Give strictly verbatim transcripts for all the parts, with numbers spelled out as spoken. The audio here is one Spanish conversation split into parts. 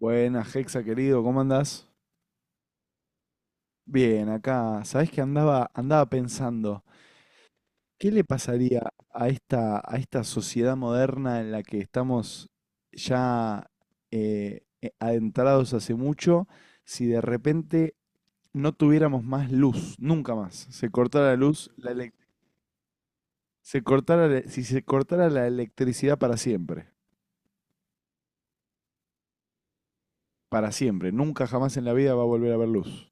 Buenas, Hexa querido, ¿cómo andás? Bien, acá, ¿sabés que andaba, andaba pensando? ¿Qué le pasaría a esta, a esta sociedad moderna en la que estamos ya eh, eh, adentrados hace mucho si de repente no tuviéramos más luz, nunca más? Se cortara la luz, la elec- se cortara, la- si se cortara la electricidad para siempre, para siempre, nunca jamás en la vida va a volver a haber luz.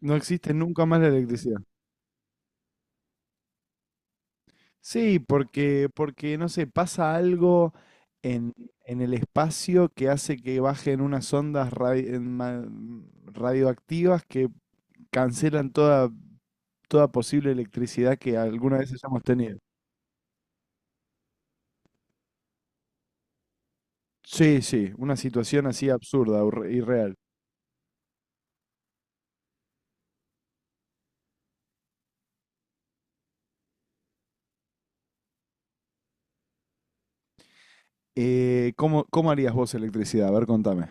No existe nunca más la electricidad. Sí, porque, porque no sé, pasa algo en, en el espacio que hace que bajen unas ondas radi- en ma- radioactivas que cancelan toda, toda posible electricidad que alguna vez hayamos tenido. Sí, sí, una situación así absurda, urre- irreal. Eh, ¿cómo, cómo harías vos electricidad? A ver, contame.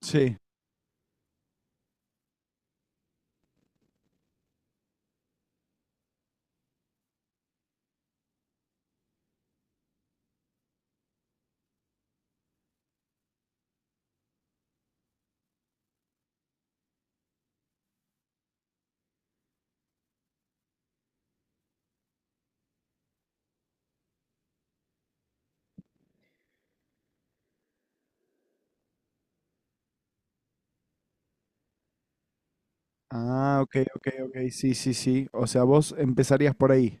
Sí. Ah, ok, ok, ok, sí, sí, sí. O sea, vos empezarías por ahí.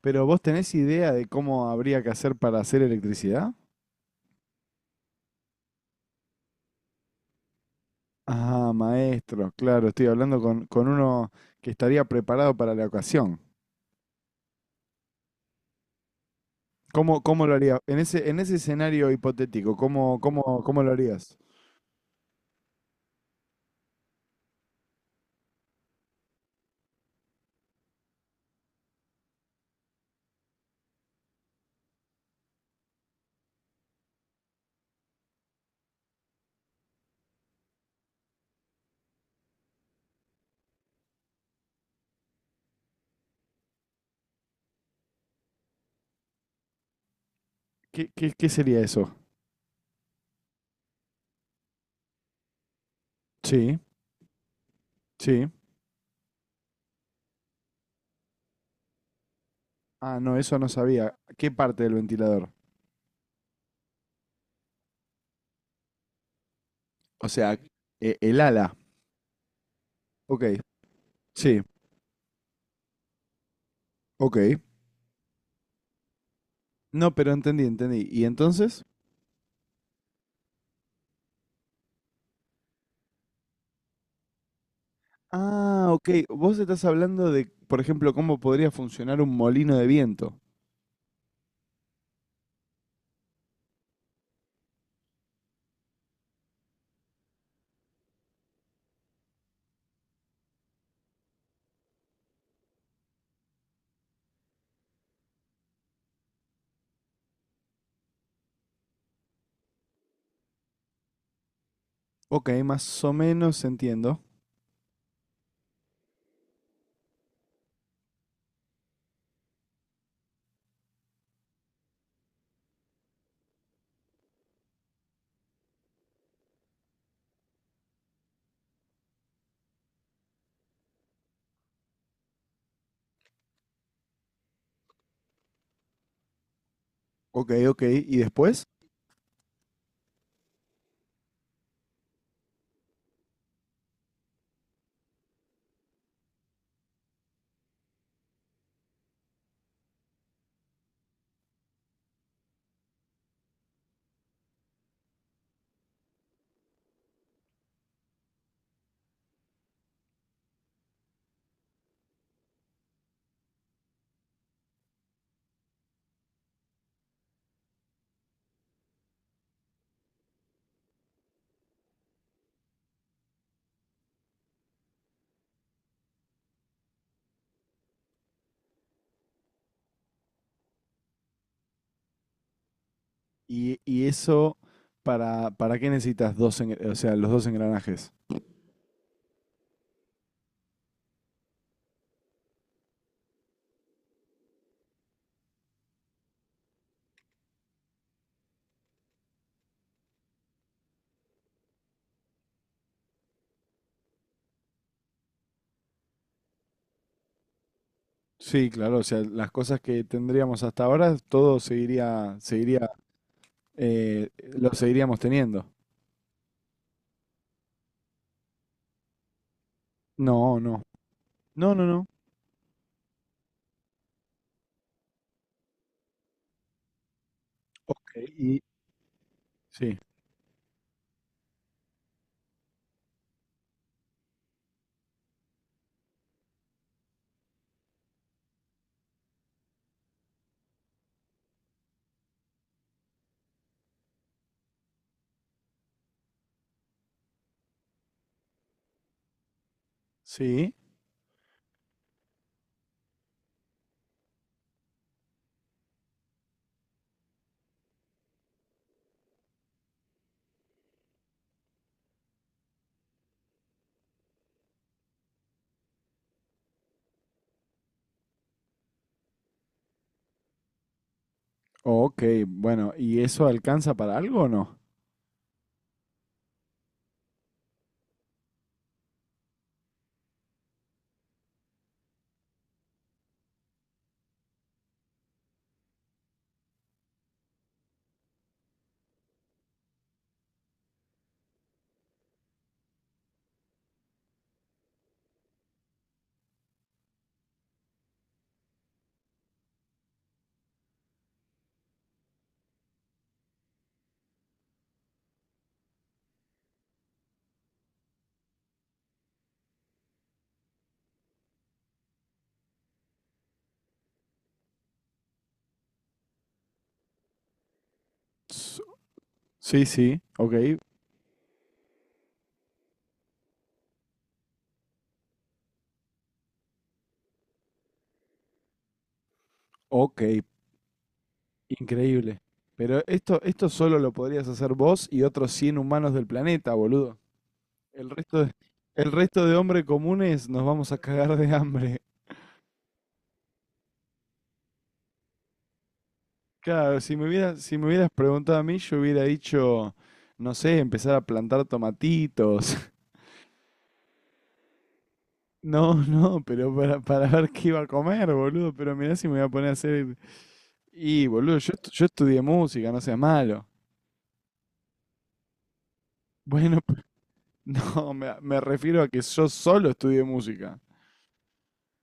Pero ¿vos tenés idea de cómo habría que hacer para hacer electricidad? Ah, maestro, claro, estoy hablando con, con uno que estaría preparado para la ocasión. ¿Cómo, cómo lo haría? En ese, en ese escenario hipotético, ¿cómo, cómo, cómo lo harías? ¿Qué, qué, qué sería eso? Sí, sí. Ah, no, eso no sabía. ¿Qué parte del ventilador? O sea, e- el ala. Ok, sí, ok. No, pero entendí, entendí. ¿Y entonces? Ah, ok. Vos estás hablando de, por ejemplo, cómo podría funcionar un molino de viento. Ok, más o menos entiendo. Ok, ok. ¿Y después? ¿Y, y eso para, para qué necesitas dos, engr- o sea, los dos engranajes? Sí, claro, o sea, las cosas que tendríamos hasta ahora, todo seguiría, seguiría, eh, lo seguiríamos teniendo. No, no. No, no, no. Ok, y sí. Sí. Ok, bueno, ¿y eso alcanza para algo o no? S- Sí, sí, ok, ok, increíble. Pero esto, esto solo lo podrías hacer vos y otros cien humanos del planeta, boludo. El resto de, el resto de hombres comunes nos vamos a cagar de hambre. Claro, si me hubieras si me hubieras preguntado a mí, yo hubiera dicho, no sé, empezar a plantar tomatitos. No, no, pero para, para ver qué iba a comer, boludo. Pero mirá si me voy a poner a hacer. Y, boludo, yo, estu- yo estudié música, no seas malo. Bueno, pe- no, me, me refiero a que yo solo estudié música.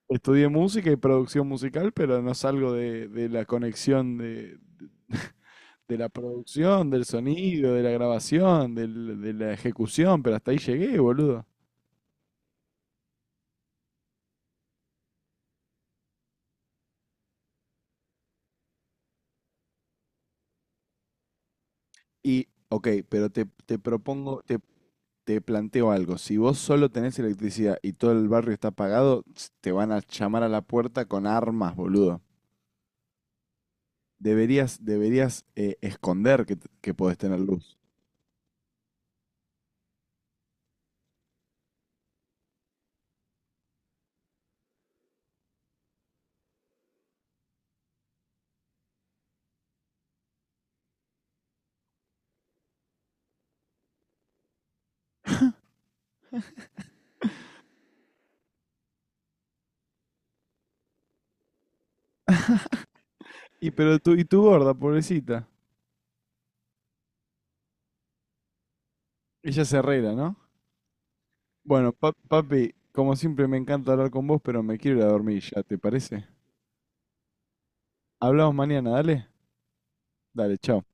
Estudié música y producción musical, pero no salgo de, de la conexión de, de la producción, del sonido, de la grabación, del- de la ejecución, pero hasta ahí llegué, boludo. Y, ok, pero te, te propongo, te, te planteo algo. Si vos solo tenés electricidad y todo el barrio está apagado, ts- te van a llamar a la puerta con armas, boludo. Deberías, deberías eh, esconder que, t- que podés tener luz. Y pero tú y tu gorda, pobrecita. Ella se arregla, ¿no? Bueno, pa- papi, como siempre me encanta hablar con vos, pero me quiero ir a dormir ya, ¿te parece? Hablamos mañana, dale. Dale, chao.